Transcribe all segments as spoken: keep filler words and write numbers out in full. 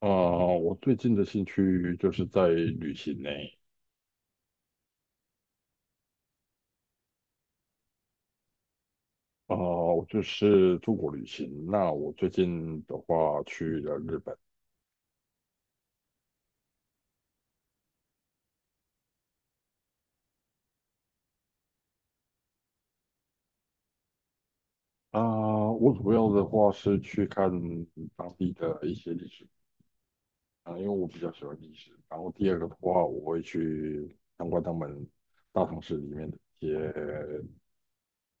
啊、我最近的兴趣就是在旅行呢。啊、我就是出国旅行。那我最近的话去了日本。啊、我主要的话是去看当地的一些历史。啊、因为我比较喜欢历史。然后第二个的话，我会去参观他们大城市里面的一些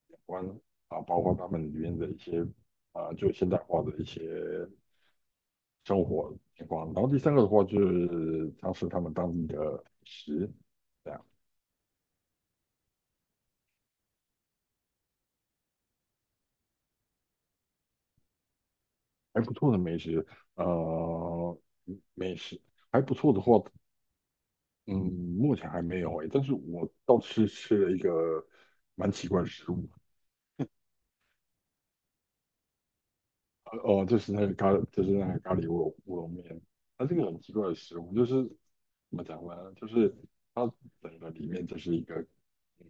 景观，啊，包括他们里面的一些啊、就现代化的一些生活情况。然后第三个的话就是尝试他们当地的美食，这样。还不错的美食，呃，美食还不错的话，嗯，目前还没有诶，但是我倒是吃了一个蛮奇怪的食物。呃哦，就是那个咖，就是那个咖喱乌龙乌龙面。它这个很奇怪的食物，就是怎么讲呢？就是它整个里面就是一个，嗯，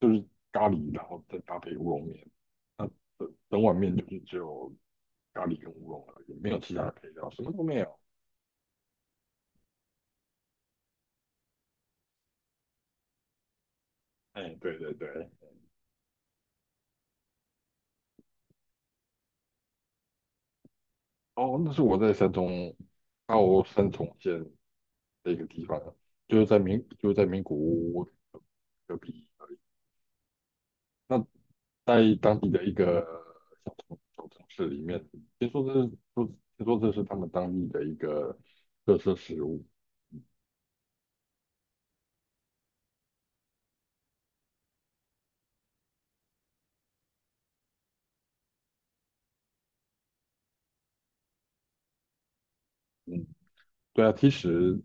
就是咖喱，然后再搭配乌龙面。那整整碗面就是只有咖喱跟乌龙而已，没有其他的配料，什么都没有。哎，对对对。哦，那是我在山东，澳三重县的一个地方，就是在名，就是在名古屋隔壁。那在当地的一个小城小城市里面，听说这是说听说这是他们当地的一个特色食物。嗯，对啊，其实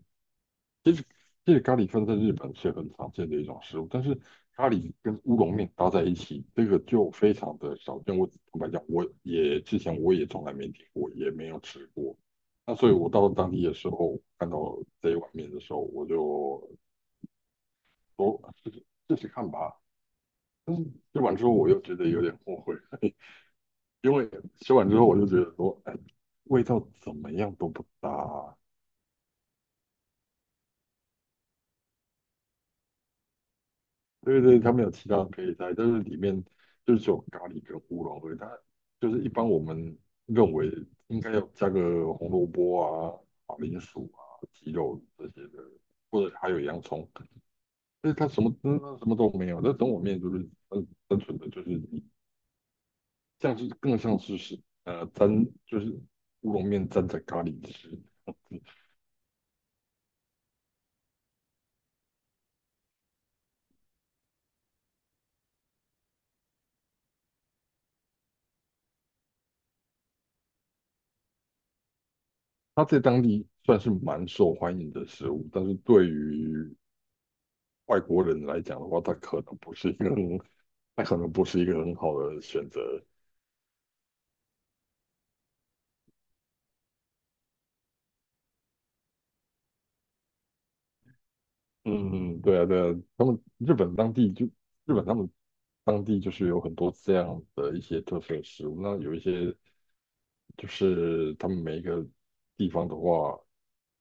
其实其实咖喱饭在日本是很常见的一种食物，但是咖喱跟乌龙面搭在一起，这个就非常的少见。我坦白讲，我也之前我也从来没听过，也没有吃过。那所以，我到当地的时候，看到这一碗面的时候，我就说试试试试看吧。但是吃完之后，我又觉得有点后悔，因为吃完之后我就觉得说，哎，味道怎么样都不搭。对对，他们有其他可以菜，但是里面就是只有咖喱跟胡萝卜。以它就是一般我们认为应该要加个红萝卜啊、马铃薯啊、鸡肉这些的，或者还有洋葱。但是它什么嗯什么都没有。那整碗面就是单单纯的就是你像是更像是是呃沾就是乌龙面沾着咖喱吃。它在当地算是蛮受欢迎的食物，但是对于外国人来讲的话，他可能不是一个很，他可能不是一个很好的选择。嗯，对啊，对啊，他们日本当地就日本他们当地就是有很多这样的一些特色食物。那有一些就是他们每一个地方的话，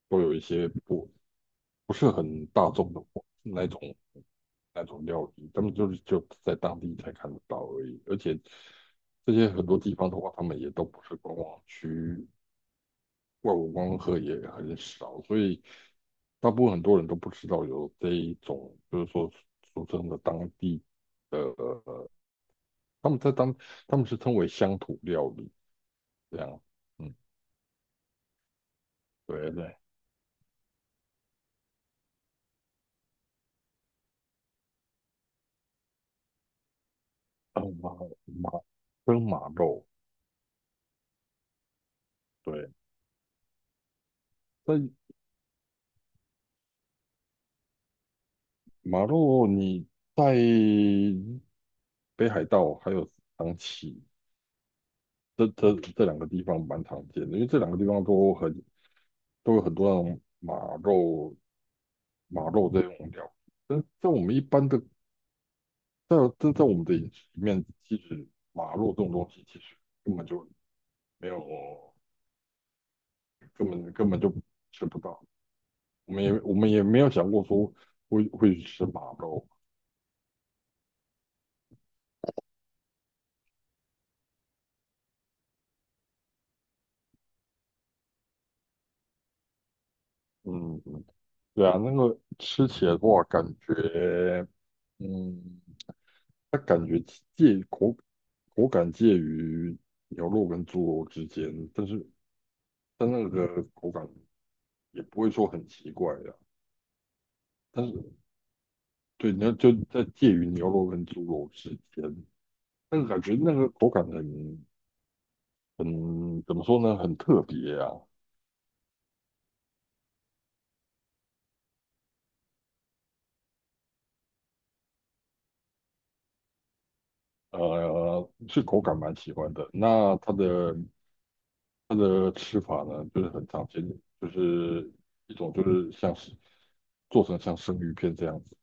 都有一些不不是很大众的那种那种料理，他们就是就在当地才看得到而已。而且这些很多地方的话，他们也都不是观光区，外国观光客也很少，所以大部分很多人都不知道有这一种，就是说俗称的当地的，他们在当他们是称为乡土料理这样，嗯，对对。啊马马蒸马肉。对。在马肉你在北海道还有长崎这这这两个地方蛮常见的，因为这两个地方都很都有很多那种马肉，马肉这种料理。但在我们一般的，在在在我们的饮食里面，其实马肉这种东西其实根本就没有，根本根本就吃不到。我们也我们也没有想过说会会去吃马肉。嗯，对啊，那个吃起来的话，感觉，嗯，它感觉介口口感介于牛肉跟猪肉之间，但是但那个口感也不会说很奇怪呀。但是对，那就在介于牛肉跟猪肉之间，那个感觉，那个口感很很怎么说呢？很特别啊。呃，是口感蛮喜欢的。那它的它的吃法呢，就是很常见，就是一种就是像是做成像生鱼片这样子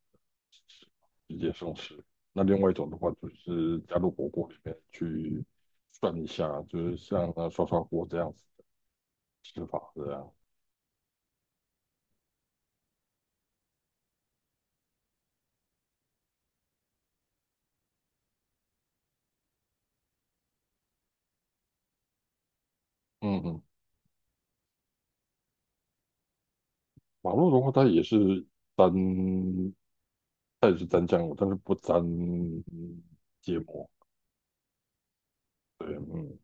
直接生吃，那另外一种的话就是加入火锅里面去涮一下，就是像呃涮涮锅这样子吃法这样。嗯嗯。马肉的话，它也是沾，它也是沾酱油，但是不沾芥末。对，嗯。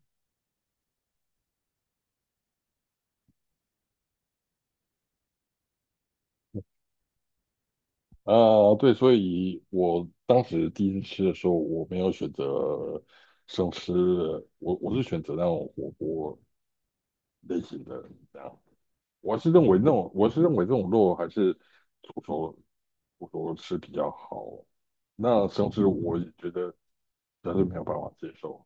啊、对，所以我当时第一次吃的时候，我没有选择生吃的，我我是选择那种火锅类型的，这样。我是认为那种，我是认为这种肉还是煮熟煮熟吃比较好。那生吃我也觉得实在是没有办法接受。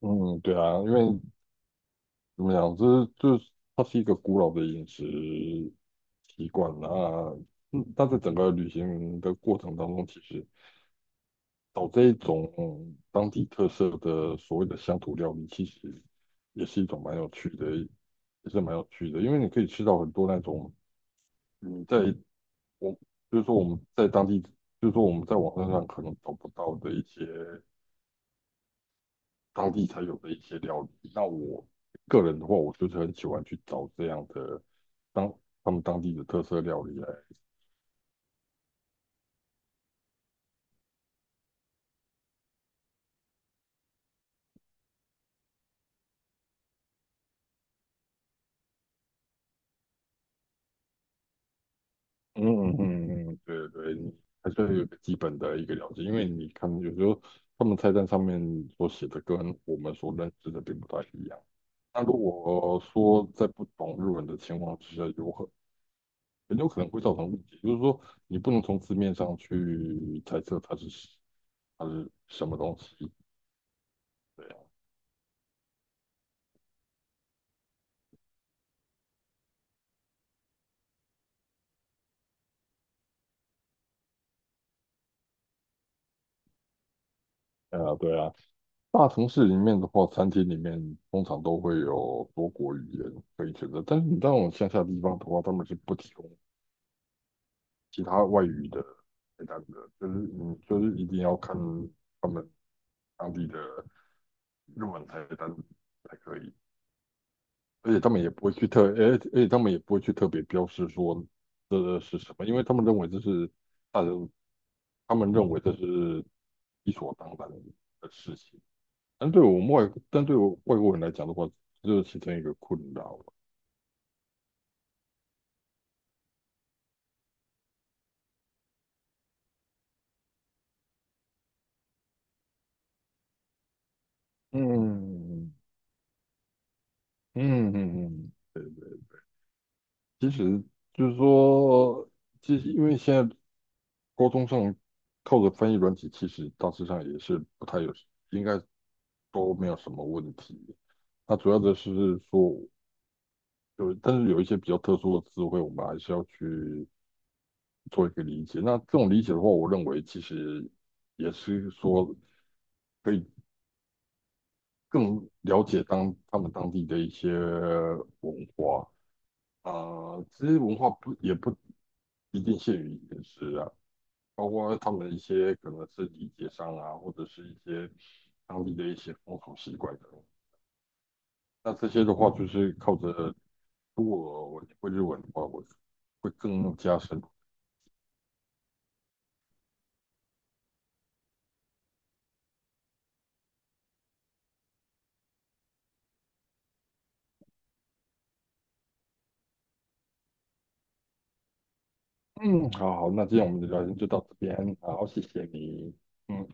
嗯，对啊，因为怎么样？这就是它是一个古老的饮食习惯。那嗯，但在整个旅行的过程当中，其实找这一种嗯当地特色的所谓的乡土料理，其实也是一种蛮有趣的，也是蛮有趣的，因为你可以吃到很多那种嗯，在我就是说我们在当地，就是说我们在网站上可能找不到的一些当地才有的一些料理。那我个人的话，我就是很喜欢去找这样的。当他们当地的特色料理来。嗯嗯嗯嗯，对对，你还是要有个基本的一个了解，因为你看有时候他们菜单上面所写的跟我们所认知的并不太一样。那如果说在不懂日文的情况之下，有很很有可能会造成误解，就是说你不能从字面上去猜测它是它是什么东西。对啊，对啊。对啊，大城市里面的话，餐厅里面通常都会有多国语言可以选择，但是你到往乡下地方的话，他们是不提供其他外语的菜单的，就是你就是一定要看他们当地的日文菜单才可以。而且他们也不会去特，而且而且他们也不会去特别标示说这是什么，因为他们认为这是大人，他们认为这是理所当然的事情。但对我们外，但对我外国人来讲的话，这就是其中一个困扰。嗯嗯嗯，嗯，对对，其实就是说，其实因为现在沟通上靠着翻译软体，其实大致上也是不太有，应该都没有什么问题。那主要的是说，有，但是有一些比较特殊的词汇，我们还是要去做一个理解。那这种理解的话，我认为其实也是说可以更了解当他们当地的一些文化。啊、呃，其实文化不也不一定限于饮食啊，包括他们一些可能是礼节上啊，或者是一些当地的一些风俗习惯等。那这些的话，就是靠着如果我会日文的话，我会更加深。嗯，好好，那今天我们的聊天就到这边，好，谢谢你。嗯。